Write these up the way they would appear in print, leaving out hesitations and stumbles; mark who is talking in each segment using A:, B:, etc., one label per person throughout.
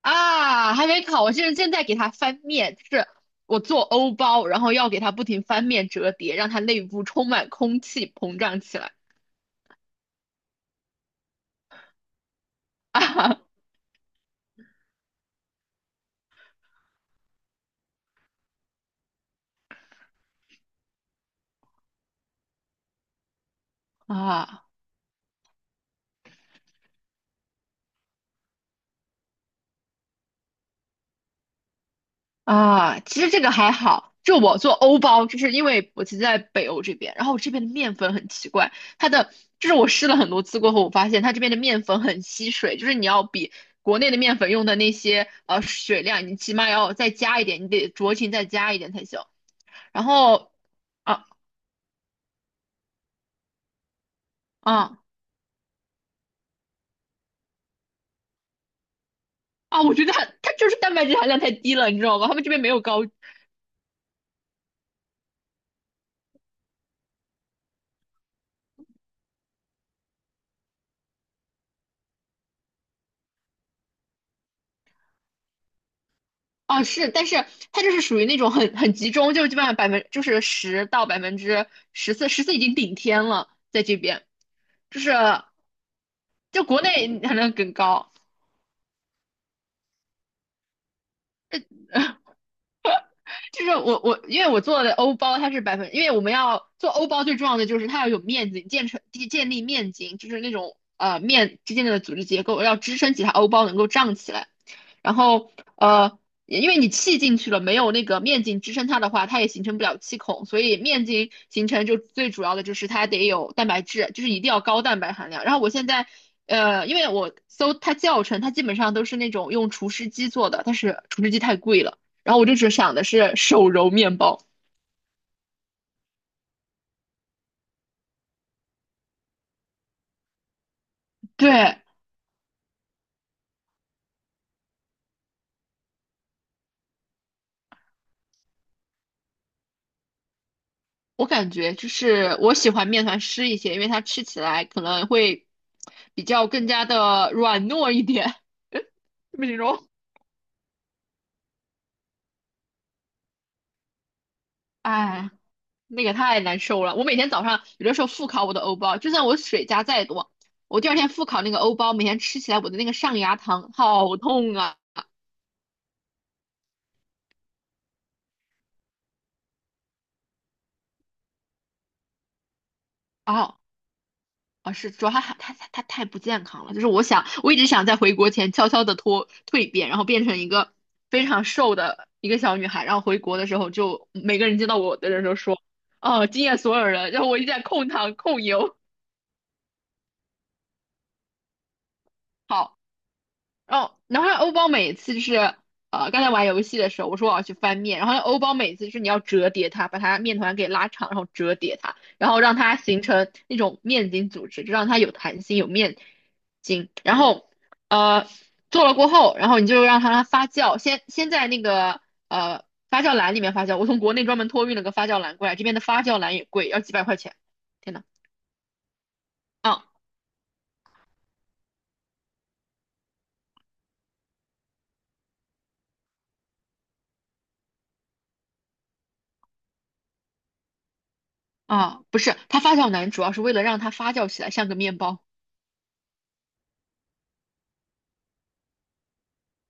A: 啊，还没烤，我现在给它翻面，就是我做欧包，然后要给它不停翻面折叠，让它内部充满空气，膨胀起来。啊啊其实这个还好，就我做欧包，就是因为我其实在北欧这边，然后我这边的面粉很奇怪，它的就是我试了很多次过后，我发现它这边的面粉很吸水，就是你要比。国内的面粉用的那些水量，你起码要再加一点，你得酌情再加一点才行。然后啊啊。啊，我觉得它就是蛋白质含量太低了，你知道吗？他们这边没有高啊，是，但是它就是属于那种很集中，就是基本上百分就是十到14%，十四已经顶天了，在这边就是就国内含量更高。就是我因为我做的欧包它是百分，因为我们要做欧包最重要的就是它要有面筋，建立面筋，就是那种面之间的组织结构要支撑起它欧包能够胀起来。然后呃，因为你气进去了，没有那个面筋支撑它的话，它也形成不了气孔，所以面筋形成就最主要的就是它得有蛋白质，就是一定要高蛋白含量。然后我现在。因为我搜它教程，它基本上都是那种用厨师机做的，但是厨师机太贵了，然后我就只想的是手揉面包。对，我感觉就是我喜欢面团湿一些，因为它吃起来可能会比较更加的软糯一点。怎形容？哎，那个太难受了。我每天早上有的时候复烤我的欧包，就算我水加再多，我第二天复烤那个欧包，每天吃起来我的那个上牙膛好痛啊！啊，啊，是主要他太不健康了，就是我想，我一直想在回国前悄悄的脱蜕变，然后变成一个非常瘦的一个小女孩，然后回国的时候就每个人见到我的人都说，哦，惊艳所有人，然后我一直在控糖控油，好。哦，然后欧包每次就是刚才玩游戏的时候，我说我要去翻面，然后欧包每次就是你要折叠它，把它面团给拉长，然后折叠它，然后让它形成那种面筋组织，就让它有弹性，有面筋。然后呃，做了过后，然后你就让它发酵，先在那个呃发酵篮里面发酵。我从国内专门托运了个发酵篮过来，这边的发酵篮也贵，要几百块钱。天呐，啊啊，不是，它发酵篮主要是为了让它发酵起来，像个面包。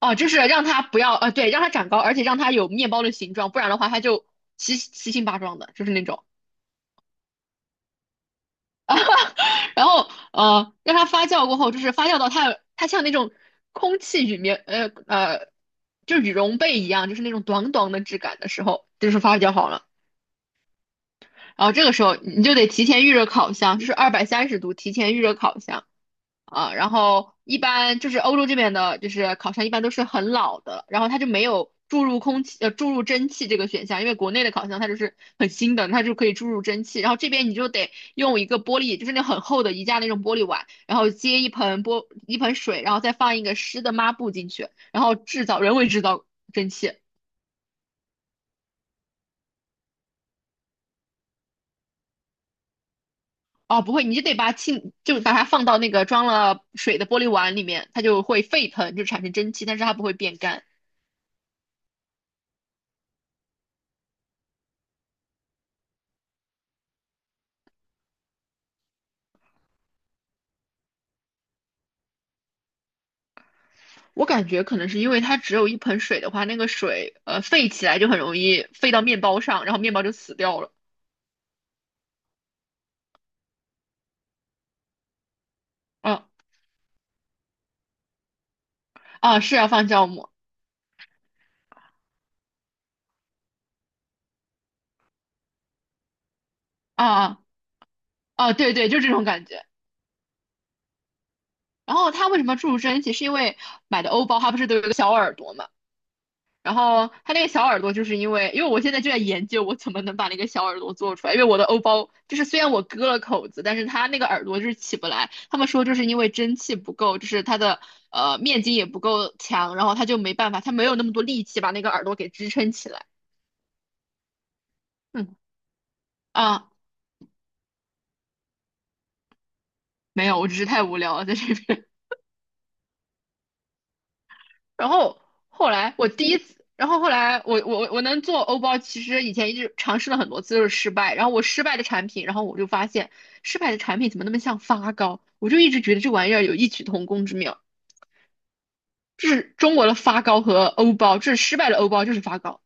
A: 哦，就是让它不要，对，让它长高，而且让它有面包的形状，不然的话它就七七形八状的，就是那种。然后，让它发酵过后，就是发酵到它像那种空气里面，就羽绒被一样，就是那种短短的质感的时候，就是发酵好了。然后这个时候你就得提前预热烤箱，就是230度提前预热烤箱。啊，然后一般就是欧洲这边的，就是烤箱一般都是很老的，然后它就没有注入空气，注入蒸汽这个选项，因为国内的烤箱它就是很新的，它就可以注入蒸汽，然后这边你就得用一个玻璃，就是那很厚的宜家那种玻璃碗，然后接一盆水，然后再放一个湿的抹布进去，然后制造人为制造蒸汽。哦，不会，你就得把气，就把它放到那个装了水的玻璃碗里面，它就会沸腾，就产生蒸汽，但是它不会变干。我感觉可能是因为它只有一盆水的话，那个水沸起来就很容易沸到面包上，然后面包就死掉了。啊，是要放酵母啊啊对对，就这种感觉。然后它为什么注入蒸汽？是因为买的欧包它不是都有一个小耳朵嘛？然后它那个小耳朵，就是因为我现在就在研究我怎么能把那个小耳朵做出来，因为我的欧包就是虽然我割了口子，但是它那个耳朵就是起不来。他们说就是因为蒸汽不够，就是它的面筋也不够强，然后它就没办法，它没有那么多力气把那个耳朵给支撑起来。嗯啊，没有，我只是太无聊了在这边。然后后来我第一次，然后后来我能做欧包，其实以前一直尝试了很多次，就是失败。然后我失败的产品，然后我就发现失败的产品怎么那么像发糕？我就一直觉得这玩意儿有异曲同工之妙，就是中国的发糕和欧包，就是失败的欧包，就是发糕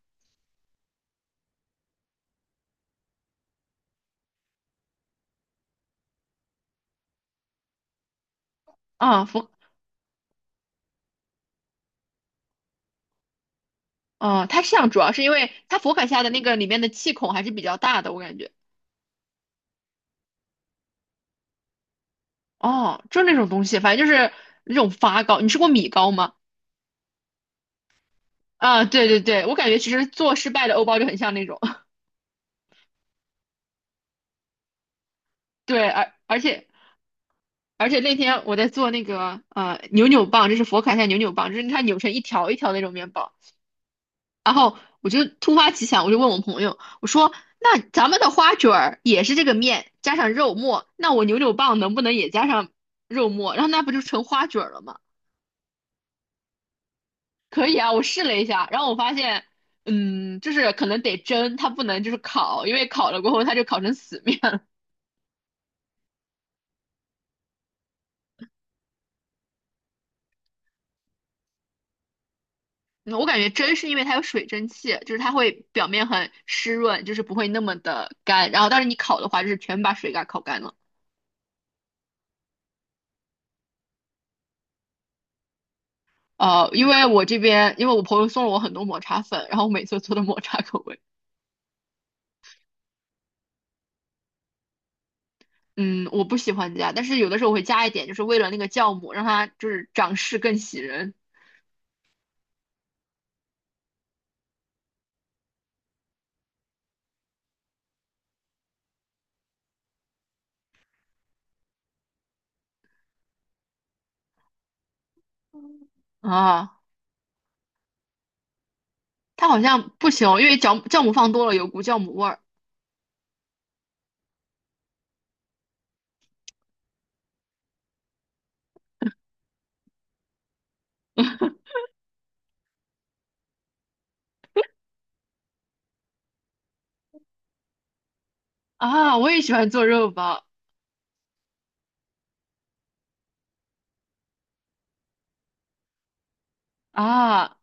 A: 啊佛啊，它像主要是因为它佛卡夏的那个里面的气孔还是比较大的，我感觉哦，就那种东西，反正就是那种发糕。你吃过米糕吗？啊，对对对，我感觉其实做失败的欧包就很像那种。对，而且而且那天我在做那个扭扭棒，就是佛卡夏扭扭棒，就是它扭成一条一条那种面包。然后我就突发奇想，我就问我朋友，我说：“那咱们的花卷儿也是这个面加上肉末，那我扭扭棒能不能也加上肉末？然后那不就成花卷儿了吗？”可以啊，我试了一下，然后我发现，嗯，就是可能得蒸，它不能就是烤，因为烤了过后它就烤成死面了。嗯我感觉蒸是因为它有水蒸气，就是它会表面很湿润，就是不会那么的干。然后，但是你烤的话，就是全把水给它烤干了。因为我这边，因为我朋友送了我很多抹茶粉，然后我每次做的抹茶口味，嗯，我不喜欢加，但是有的时候我会加一点，就是为了那个酵母，让它就是长势更喜人啊。它好像不行，因为酵母放多了有股酵母味儿 啊。我也喜欢做肉包啊。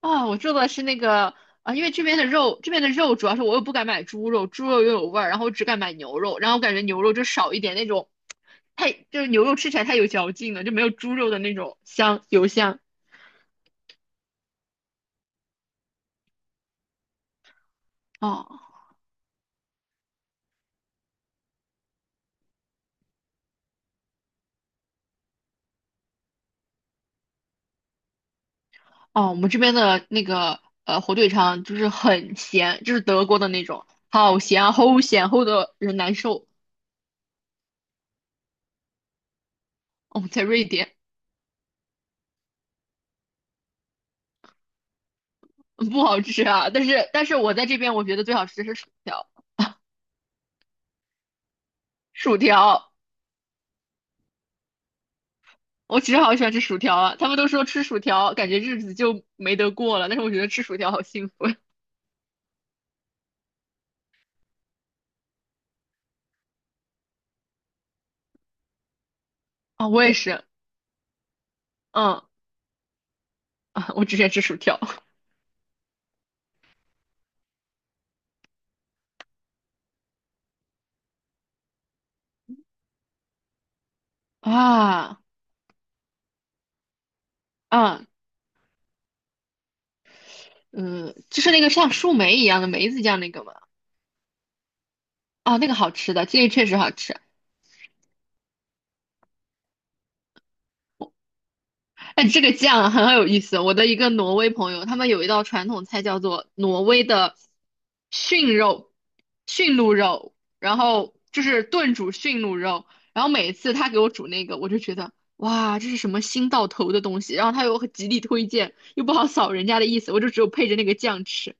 A: 啊、我做的是那个啊，因为这边的肉，这边的肉主要是我又不敢买猪肉，猪肉又有味儿，然后我只敢买牛肉，然后我感觉牛肉就少一点那种，太就是牛肉吃起来太有嚼劲了，就没有猪肉的那种香油香。哦哦，我们这边的那个火腿肠就是很咸，就是德国的那种，好咸啊，齁咸，齁的人难受。哦，在瑞典 嗯不好吃啊，但是我在这边我觉得最好吃的是薯条，薯条。我其实好喜欢吃薯条啊，他们都说吃薯条感觉日子就没得过了，但是我觉得吃薯条好幸福呀啊 我也是，嗯啊，我喜欢吃薯条啊啊，嗯，就是那个像树莓一样的梅子酱那个嘛，啊，那个好吃的，这个确实好吃。哎，这个酱啊很有意思哦。我的一个挪威朋友，他们有一道传统菜叫做挪威的驯肉、驯鹿肉，然后就是炖煮驯鹿肉。然后每次他给我煮那个，我就觉得哇，这是什么新到头的东西。然后他又很极力推荐，又不好扫人家的意思，我就只有配着那个酱吃。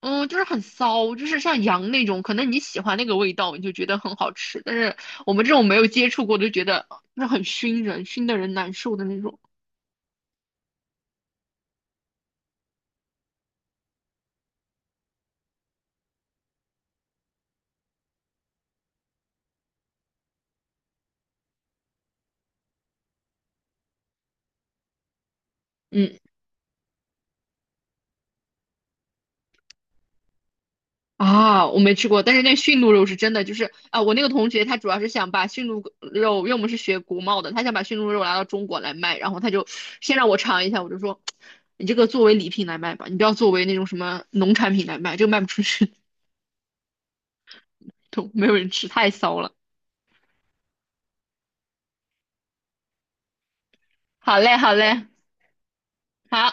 A: 嗯，就是很骚，就是像羊那种，可能你喜欢那个味道，你就觉得很好吃。但是我们这种没有接触过，就觉得就是很熏人，熏的人难受的那种。嗯啊，我没吃过，但是那驯鹿肉是真的，就是啊，我那个同学他主要是想把驯鹿肉，因为我们是学国贸的，他想把驯鹿肉拿到中国来卖，然后他就先让我尝一下，我就说，你这个作为礼品来卖吧，你不要作为那种什么农产品来卖，这个卖不出去，都没有人吃，太骚了。好嘞，好嘞，好。